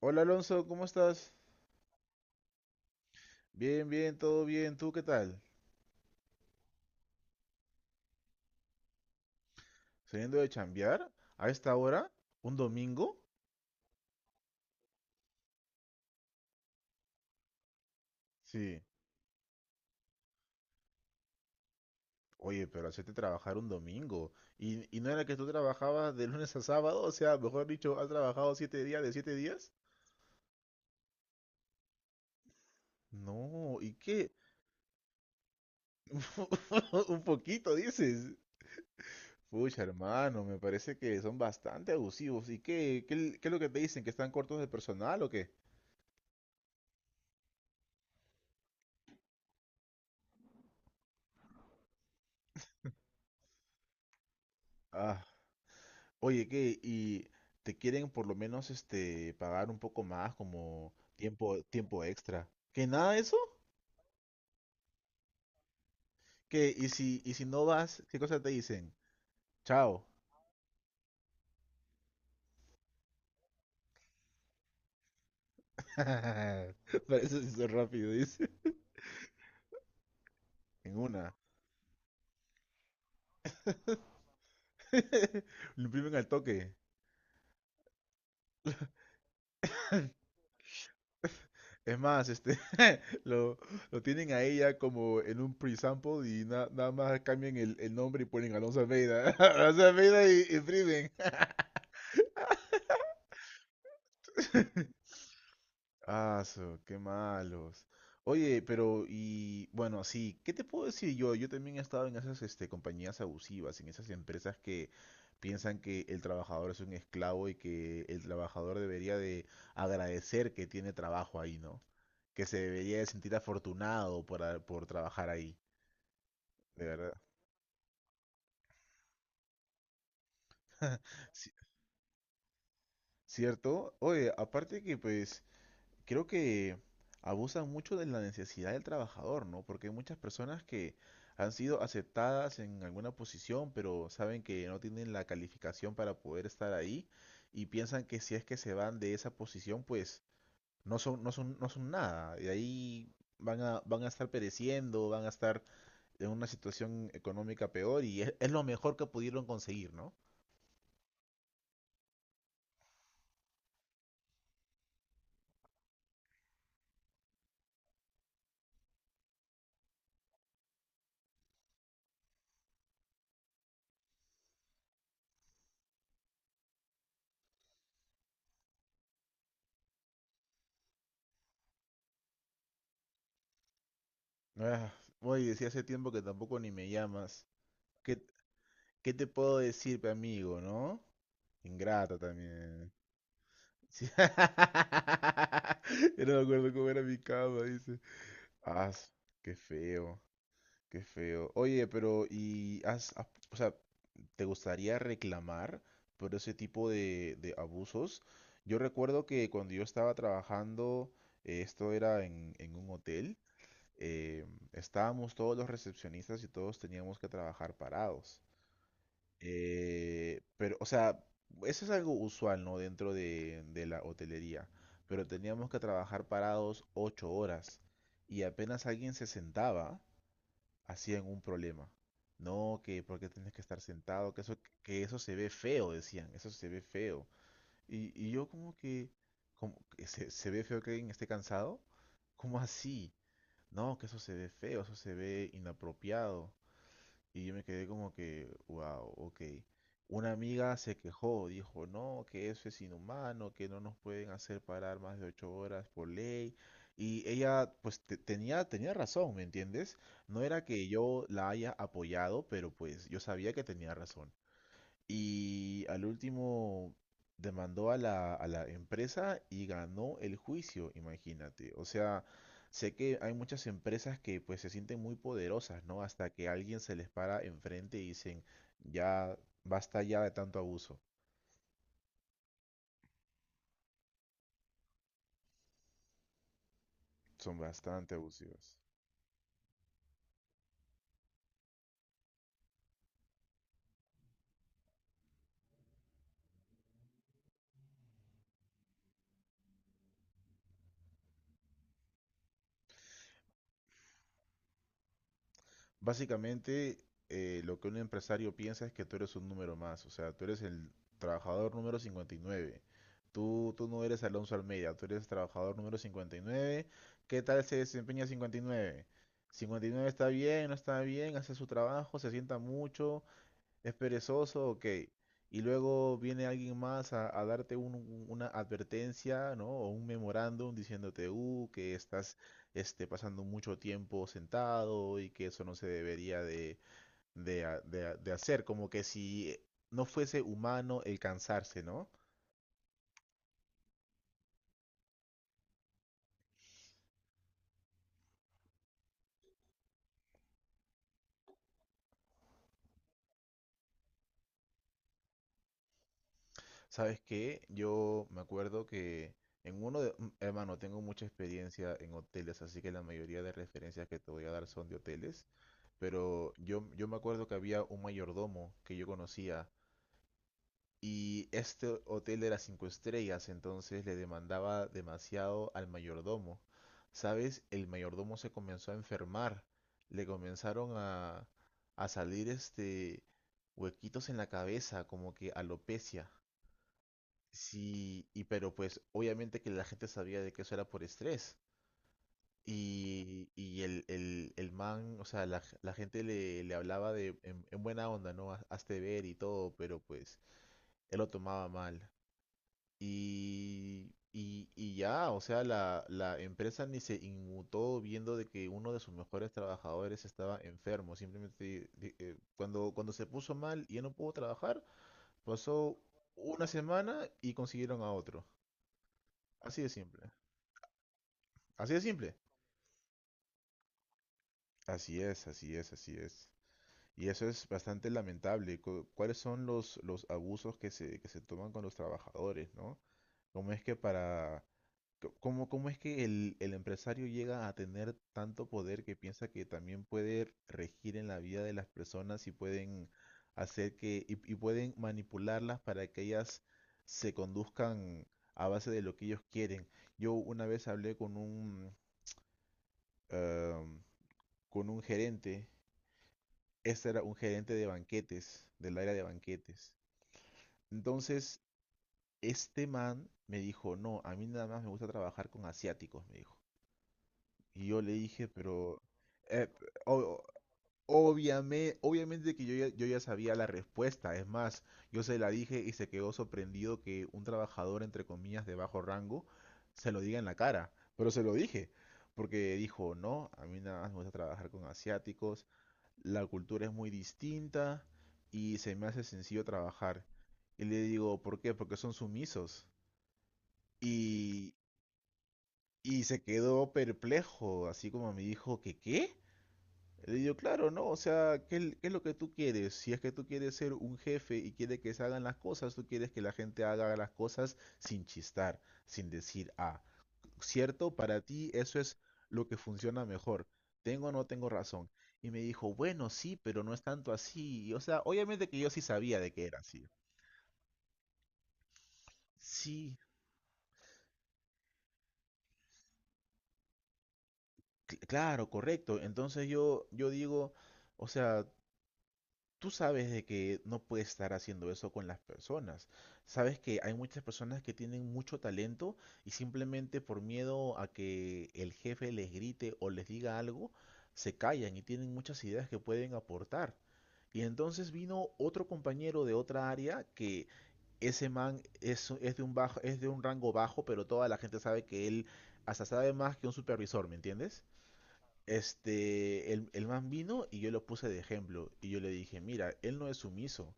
Hola Alonso, ¿cómo estás? Bien, bien, todo bien. ¿Tú qué tal? ¿Saliendo de chambear? ¿A esta hora? ¿Un domingo? Sí. Oye, pero hacerte trabajar un domingo. ¿Y no era que tú trabajabas de lunes a sábado? O sea, mejor dicho, ¿has trabajado siete días de siete días? No, ¿y qué? Un poquito, dices. Pucha, hermano, me parece que son bastante abusivos. ¿Y qué es lo que te dicen? ¿Que están cortos de personal o qué? Ah. Oye, ¿qué? ¿Y te quieren por lo menos este pagar un poco más como tiempo extra? ¿Que nada de eso? ¿Qué? ¿Y si no vas, qué cosa te dicen? Chao. Para eso se hizo rápido, dice. En una. Lo imprimen al toque. Es más, este lo, lo tienen a ella como en un pre-sample y nada más cambian el nombre y ponen Alonso Almeida. Alonso Almeida y imprimen. Aso, qué malos. Oye, pero y bueno, sí, ¿qué te puedo decir yo? Yo también he estado en esas este, compañías abusivas, en esas empresas que piensan que el trabajador es un esclavo y que el trabajador debería de agradecer que tiene trabajo ahí, ¿no? Que se debería de sentir afortunado por, por trabajar ahí, de verdad. Sí. ¿Cierto? Oye, aparte que pues creo que abusan mucho de la necesidad del trabajador, ¿no? Porque hay muchas personas que han sido aceptadas en alguna posición, pero saben que no tienen la calificación para poder estar ahí y piensan que si es que se van de esa posición, pues no son, no son, no son nada. Y ahí van a estar pereciendo, van a estar en una situación económica peor y es lo mejor que pudieron conseguir, ¿no? Ah, oye, decía hace tiempo que tampoco ni me llamas. ¿Qué, ¿Qué te puedo decir, pe amigo, no? Ingrata también. Sí. Yo no me acuerdo cómo era mi cama, dice. Ah, qué feo, qué feo. Oye, pero ¿y o sea, te gustaría reclamar por ese tipo de abusos? Yo recuerdo que cuando yo estaba trabajando, esto era en, un hotel, eh, estábamos todos los recepcionistas y todos teníamos que trabajar parados. Pero, o sea, eso es algo usual, ¿no? Dentro de la hotelería. Pero teníamos que trabajar parados 8 horas. Y apenas alguien se sentaba, hacían un problema. No, que por qué tienes que estar sentado, que eso se ve feo, decían, eso se ve feo. Y yo como que se ve feo que alguien esté cansado. ¿Cómo así? No, que eso se ve feo, eso se ve inapropiado. Y yo me quedé como que, wow, ok. Una amiga se quejó, dijo, no, que eso es inhumano, que no nos pueden hacer parar más de 8 horas por ley. Y ella, pues, tenía razón, ¿me entiendes? No era que yo la haya apoyado, pero pues yo sabía que tenía razón. Y al último demandó a la empresa y ganó el juicio, imagínate. O sea, sé que hay muchas empresas que pues se sienten muy poderosas, ¿no? Hasta que alguien se les para enfrente y dicen, ya, basta ya de tanto abuso. Son bastante abusivas. Básicamente, lo que un empresario piensa es que tú eres un número más, o sea, tú eres el trabajador número 59. Tú no eres Alonso Almeida, tú eres trabajador número 59. ¿Qué tal se desempeña 59? 59 está bien, no está bien, hace su trabajo, se sienta mucho, es perezoso, ok. Y luego viene alguien más a darte una advertencia, ¿no? O un memorándum diciéndote, que estás este, pasando mucho tiempo sentado y que eso no se debería de hacer. Como que si no fuese humano el cansarse, ¿no? ¿Sabes qué? Yo me acuerdo que en uno de... mm, Hermano, tengo mucha experiencia en hoteles, así que la mayoría de referencias que te voy a dar son de hoteles. Pero yo me acuerdo que había un mayordomo que yo conocía y este hotel era 5 estrellas, entonces le demandaba demasiado al mayordomo. ¿Sabes? El mayordomo se comenzó a enfermar, le comenzaron a salir este huequitos en la cabeza, como que alopecia. Sí, y pero pues obviamente que la gente sabía de que eso era por estrés. Y el man, o sea, la gente le hablaba de, en buena onda, ¿no? "Hazte ver y todo, pero pues él lo tomaba mal. Y ya, o sea, la empresa ni se inmutó viendo de que uno de sus mejores trabajadores estaba enfermo. Simplemente cuando, se puso mal y ya no pudo trabajar, pasó una semana y consiguieron a otro. Así de simple. Así de simple. Así es, así es, así es. Y eso es bastante lamentable. ¿Cuáles son los, abusos que se toman con los trabajadores, no? ¿Cómo es que para... cómo es que el empresario llega a tener tanto poder que piensa que también puede regir en la vida de las personas y pueden hacer que... y pueden manipularlas para que ellas se conduzcan a base de lo que ellos quieren? Yo una vez hablé eh, con un gerente, este era un gerente de banquetes, del área de banquetes. Entonces, este man me dijo, no, a mí nada más me gusta trabajar con asiáticos, me dijo. Y yo le dije, eh, p- o- obviamente que yo ya sabía la respuesta. Es más, yo se la dije y se quedó sorprendido que un trabajador, entre comillas, de bajo rango, se lo diga en la cara. Pero se lo dije, porque dijo, no, a mí nada más me gusta trabajar con asiáticos, la cultura es muy distinta y se me hace sencillo trabajar. Y le digo, ¿por qué? Porque son sumisos. Y, y se quedó perplejo, así como me dijo, ¿que qué? Le digo, claro, ¿no? O sea, ¿qué es lo que tú quieres? Si es que tú quieres ser un jefe y quieres que se hagan las cosas, tú quieres que la gente haga las cosas sin chistar, sin decir, ah, ¿cierto? Para ti eso es lo que funciona mejor. ¿Tengo o no tengo razón? Y me dijo, bueno, sí, pero no es tanto así. O sea, obviamente que yo sí sabía de que era así. Sí, claro, correcto. Entonces yo digo, o sea, tú sabes de que no puedes estar haciendo eso con las personas. Sabes que hay muchas personas que tienen mucho talento y simplemente por miedo a que el jefe les grite o les diga algo, se callan y tienen muchas ideas que pueden aportar. Y entonces vino otro compañero de otra área que ese man es de un rango bajo, pero toda la gente sabe que él hasta sabe más que un supervisor, ¿me entiendes? Este, el man vino y yo lo puse de ejemplo. Y yo le dije, mira, él no es sumiso.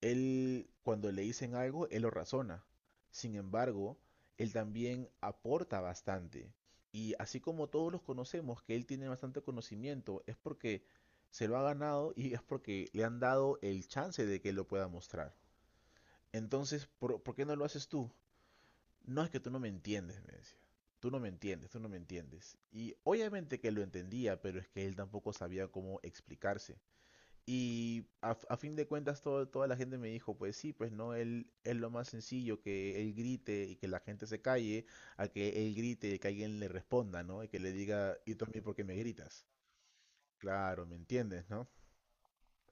Él, cuando le dicen algo, él lo razona. Sin embargo, él también aporta bastante. Y así como todos los conocemos, que él tiene bastante conocimiento, es porque se lo ha ganado y es porque le han dado el chance de que lo pueda mostrar. Entonces, ¿por qué no lo haces tú? No es que tú no me entiendes, me decía. Tú no me entiendes, tú no me entiendes. Y obviamente que lo entendía, pero es que él tampoco sabía cómo explicarse. Y a fin de cuentas toda la gente me dijo, pues sí, pues no, él es lo más sencillo que él grite y que la gente se calle, a que él grite y que alguien le responda, ¿no? Y que le diga, ¿y tú a mí por qué me gritas? Claro, ¿me entiendes, no?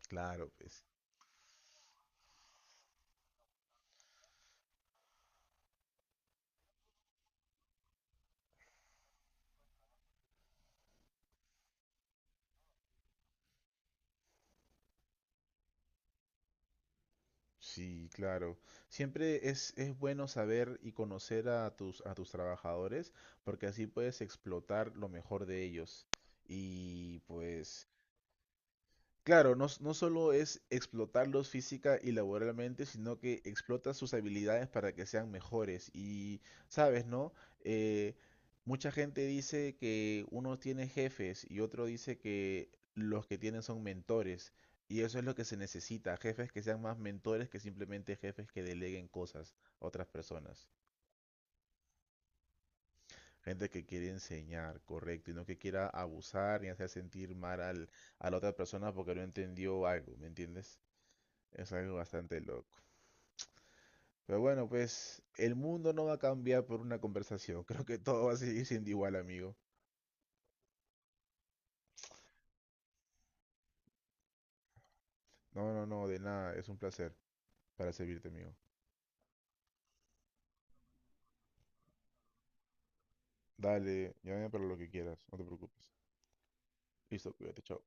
Claro, pues. Sí, claro. Siempre es bueno saber y conocer a tus, trabajadores porque así puedes explotar lo mejor de ellos. Y pues claro, no, no solo es explotarlos física y laboralmente, sino que explota sus habilidades para que sean mejores. Y, sabes, ¿no? Eh, Mucha gente dice que uno tiene jefes y otro dice que los que tienen son mentores. Y eso es lo que se necesita, jefes que sean más mentores que simplemente jefes que deleguen cosas a otras personas. Gente que quiere enseñar, correcto, y no que quiera abusar ni hacer sentir mal a la otra persona porque no entendió algo, ¿me entiendes? Es algo bastante loco. Pero bueno, pues el mundo no va a cambiar por una conversación. Creo que todo va a seguir siendo igual, amigo. No, no, no, de nada. Es un placer para servirte, amigo. Dale, llámame para lo que quieras. No te preocupes. Listo, cuídate, chao.